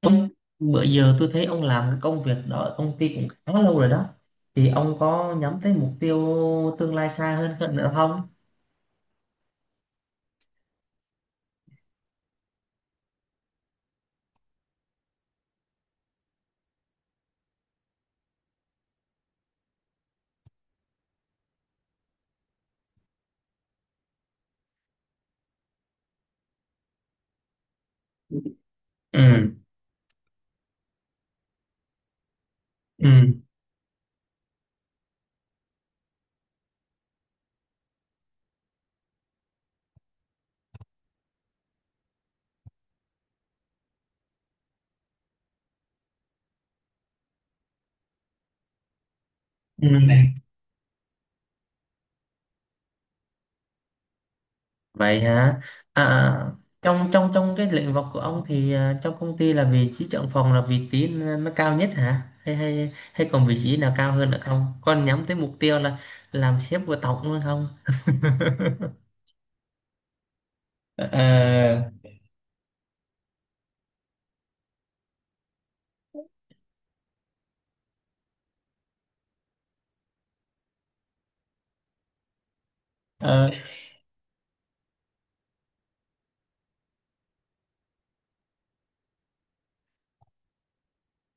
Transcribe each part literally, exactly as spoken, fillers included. Ông- Bữa giờ tôi thấy ông làm cái công việc đó ở công ty cũng khá lâu rồi đó, thì ông có nhắm tới mục tiêu tương lai xa hơn hơn nữa không? Ừ, ừ, ừ. Vậy hả? à, trong trong trong cái lĩnh vực của ông thì à, trong công ty là vị trí trưởng phòng là vị trí nó nó cao nhất hả, hay hay hay còn vị trí nào cao hơn nữa không, con nhắm tới mục tiêu là làm sếp của tổng luôn không? à, à,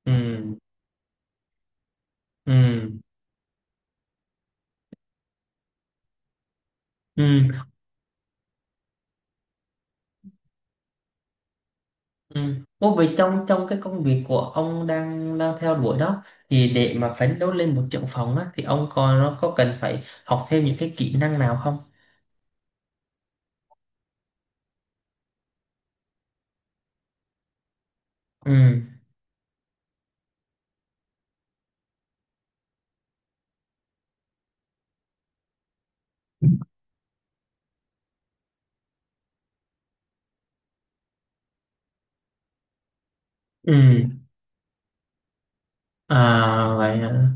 ừ, ừ, ừ. Ừ. Ô, vậy trong trong cái công việc của ông đang đang theo đuổi đó, thì để mà phấn đấu lên một trưởng phòng á thì ông còn nó có cần phải học thêm những cái kỹ năng nào không? Ừ. Ừ. À vậy hả?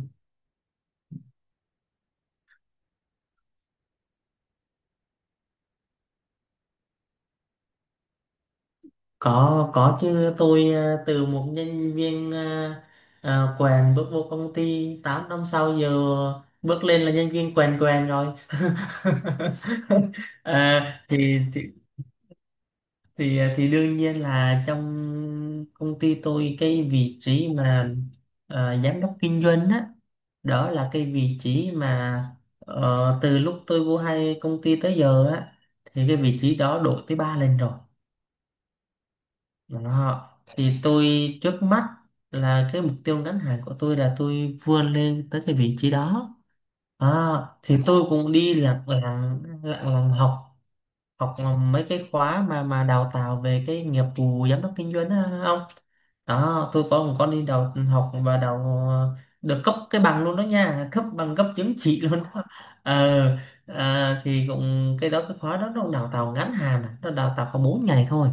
Có có chứ, tôi à, từ một nhân viên à, à, quèn bước vô công ty tám năm sau giờ bước lên là nhân viên quèn quèn rồi. à, thì, thì thì à, thì đương nhiên là trong công ty tôi cái vị trí mà ờ, giám đốc kinh doanh á, đó là cái vị trí mà ờ, từ lúc tôi vô hay công ty tới giờ á, thì cái vị trí đó đổi tới ba lần rồi. Đó, thì tôi trước mắt là cái mục tiêu ngắn hạn của tôi là tôi vươn lên tới cái vị trí đó. Đó, thì tôi cũng đi lặng lặng lặng lặng học, học ờ, mấy cái khóa mà mà đào tạo về cái nghiệp vụ giám đốc kinh doanh á ông. Đó, tôi có một con đi đào học và đào ờ, được cấp cái bằng luôn đó nha, cấp bằng, cấp chứng chỉ luôn đó. Ờ, à, thì cũng cái đó, cái khóa đó nó đào tạo ngắn hạn, à, nó đào tạo có bốn ngày thôi.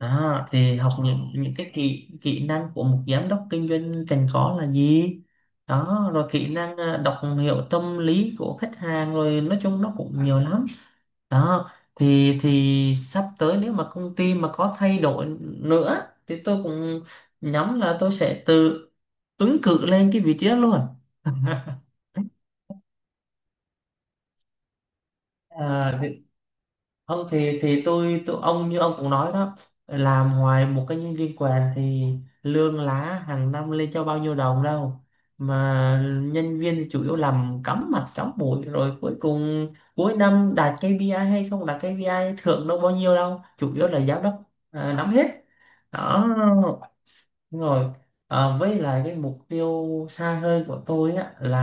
Đó thì học những những cái kỹ kỹ năng của một giám đốc kinh doanh cần có là gì, đó rồi kỹ năng à, đọc hiểu tâm lý của khách hàng, rồi nói chung nó cũng nhiều lắm. Đó, thì thì sắp tới nếu mà công ty mà có thay đổi nữa thì tôi cũng nhắm là tôi sẽ tự ứng cử lên cái vị trí đó luôn. à, Không thì thì tôi tôi ông, như ông cũng nói đó, làm hoài một cái nhân viên quèn thì lương lá hàng năm lên cho bao nhiêu đồng đâu mà, nhân viên thì chủ yếu làm cắm mặt cắm mũi rồi cuối cùng cuối năm đạt ca pê i hay không đạt ca pê i, thưởng đâu bao nhiêu đâu, chủ yếu là giám đốc à, nắm hết đó. Đúng rồi, à, với lại cái mục tiêu xa hơn của tôi á là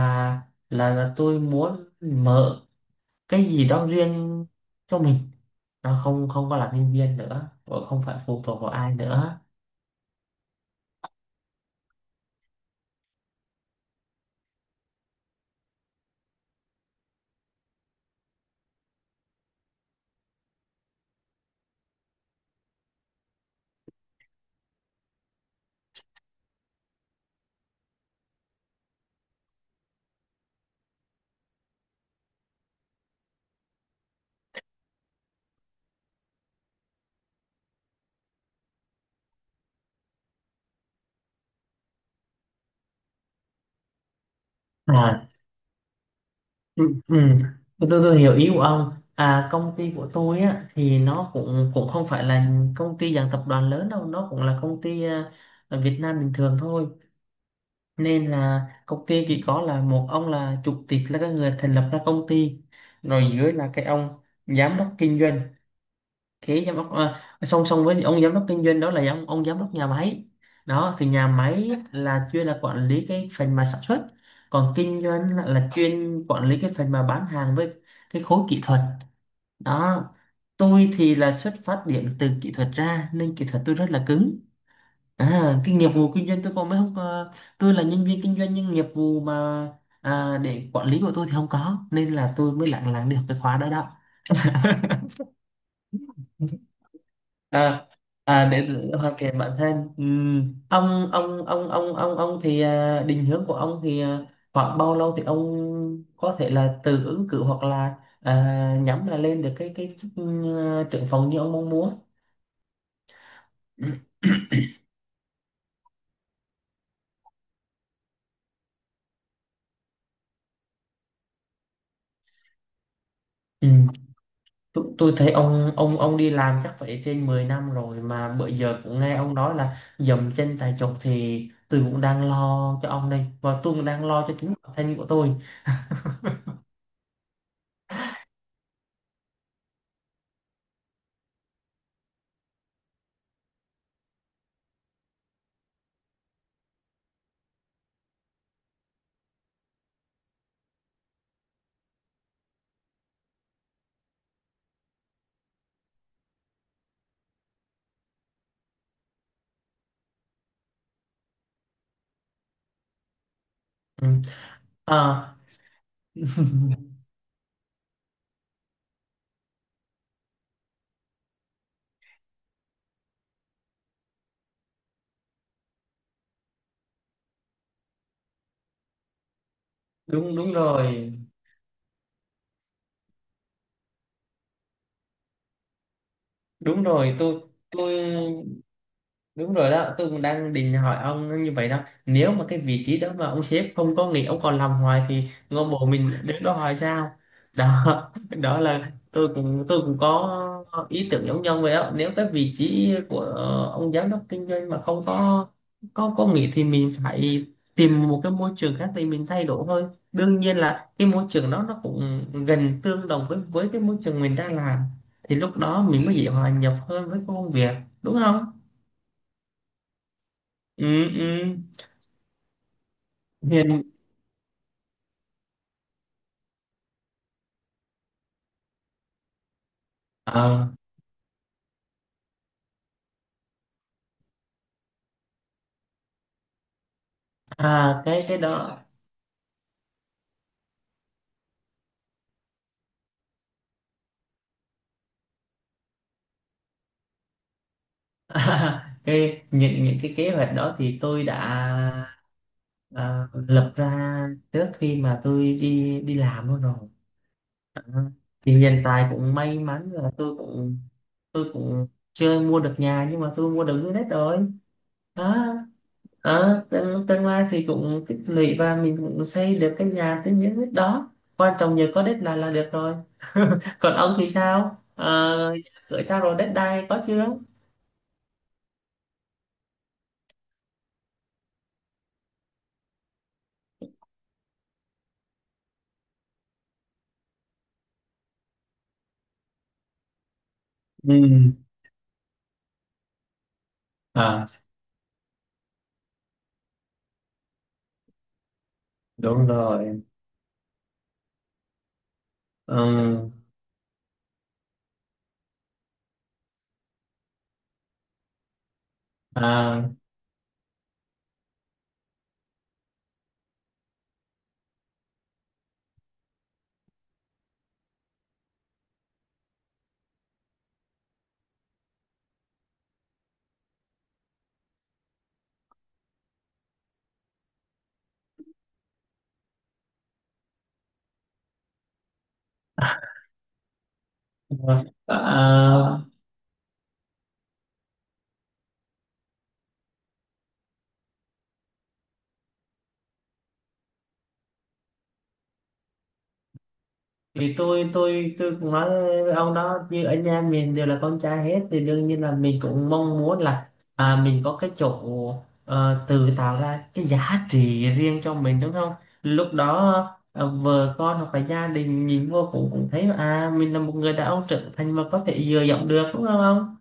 là là tôi muốn mở cái gì đó riêng cho mình, nó không không có làm nhân viên nữa và không phải phụ thuộc vào ai nữa. À, ừ, ừ. Tôi, tôi hiểu ý của ông. À công ty của tôi á thì nó cũng cũng không phải là công ty dạng tập đoàn lớn đâu, nó cũng là công ty à, ở Việt Nam bình thường thôi, nên là công ty chỉ có là một ông là chủ tịch là cái người thành lập ra công ty, rồi dưới là cái ông giám đốc kinh doanh. Thế giám đốc à, song song với ông giám đốc kinh doanh đó là ông ông giám đốc nhà máy. Đó thì nhà máy là chuyên là quản lý cái phần mà sản xuất, còn kinh doanh là, là chuyên quản lý cái phần mà bán hàng với cái khối kỹ thuật đó. Tôi thì là xuất phát điểm từ kỹ thuật ra nên kỹ thuật tôi rất là cứng, à, cái nghiệp vụ kinh doanh tôi còn mới không có, tôi là nhân viên kinh doanh nhưng nghiệp vụ mà à, để quản lý của tôi thì không có, nên là tôi mới lặng lặng được cái khóa đó đó. à à để hoàn thiện bản thân. Ừm, ông ông ông ông ông ông thì à, định hướng của ông thì à, khoảng bao lâu thì ông có thể là tự ứng cử hoặc là à, nhắm là lên được cái cái chức ừ, trưởng phòng như ông mong muốn? Ừ. Tôi, tôi thấy ông ông ông đi làm chắc phải trên mười năm rồi mà bữa giờ cũng nghe ông nói là dậm chân tại chỗ, thì tôi cũng đang lo cho ông đây, và tôi cũng đang lo cho chính bản thân của tôi. Ừ. À, đúng, đúng rồi. Đúng rồi, tôi tôi đúng rồi đó, tôi cũng đang định hỏi ông như vậy đó. Nếu mà cái vị trí đó mà ông sếp không có nghỉ, ông còn làm hoài thì ngôi mộ mình đứng đó hoài sao? Đó, đó là tôi cũng tôi cũng có ý tưởng giống nhau vậy đó, nếu cái vị trí của ờ, ông giám đốc kinh doanh mà không có có có nghỉ thì mình phải tìm một cái môi trường khác để mình thay đổi thôi. Đương nhiên là cái môi trường đó nó cũng gần tương đồng với với cái môi trường mình đang làm, thì lúc đó mình mới dễ hòa nhập hơn với công việc, đúng không? Ừ, ừ. Hiền. Ờ, à, cái cái đó, cái những những cái kế hoạch đó thì tôi đã à, lập ra trước khi mà tôi đi đi làm luôn rồi. Đó, thì hiện tại cũng may mắn là tôi cũng tôi cũng chưa mua được nhà nhưng mà tôi mua được dưới đất rồi. Đó. Ờ, tương, tương lai thì cũng tích lũy và mình cũng xây được cái nhà tới những đất đó, quan trọng nhờ có đất là là được rồi. Còn ông thì sao, ờ, gửi sao rồi, đất đai có chưa? Ừ. À, đúng rồi. Ừ. À, à, thì tôi tôi tôi cũng nói với ông đó, như ở nhà mình đều là con trai hết thì đương nhiên là mình cũng mong muốn là à, mình có cái chỗ ờ, tự tạo ra cái giá trị riêng cho mình đúng không, lúc đó ờ, vợ con hoặc là gia đình nhìn vô cũng cũng thấy à mình là một người đàn ông trưởng thành mà có thể dựa dẫm được, đúng không ông?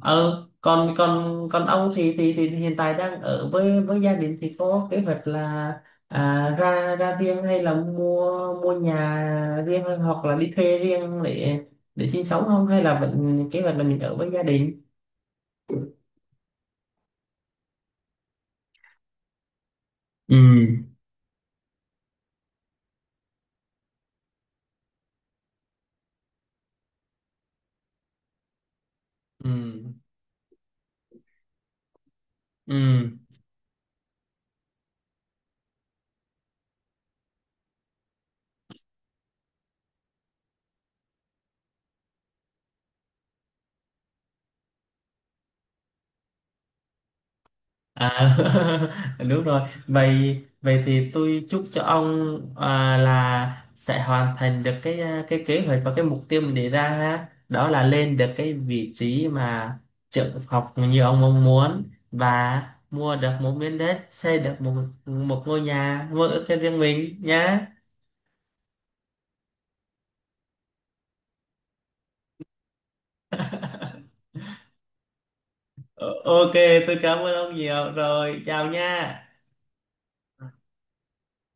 Ờ, còn còn còn ông thì, thì thì hiện tại đang ở với với gia đình thì có kế hoạch là à, ra ra riêng, hay là mua mua nhà riêng, hoặc là đi thuê riêng để để sinh sống không, hay là vẫn kế hoạch là mình ở với gia đình? Ừ, ừ, ừ. À, đúng rồi. Vậy Vậy thì tôi chúc cho ông à, là sẽ hoàn thành được cái à, cái kế hoạch và cái mục tiêu mình đề ra ha. Đó là lên được cái vị trí mà trợ học như ông mong muốn, và mua được một miếng đất, xây được một một ngôi nhà, mua ở cho riêng mình nhá. Ờ, ok, tôi cảm ơn ông nhiều rồi. Chào nha.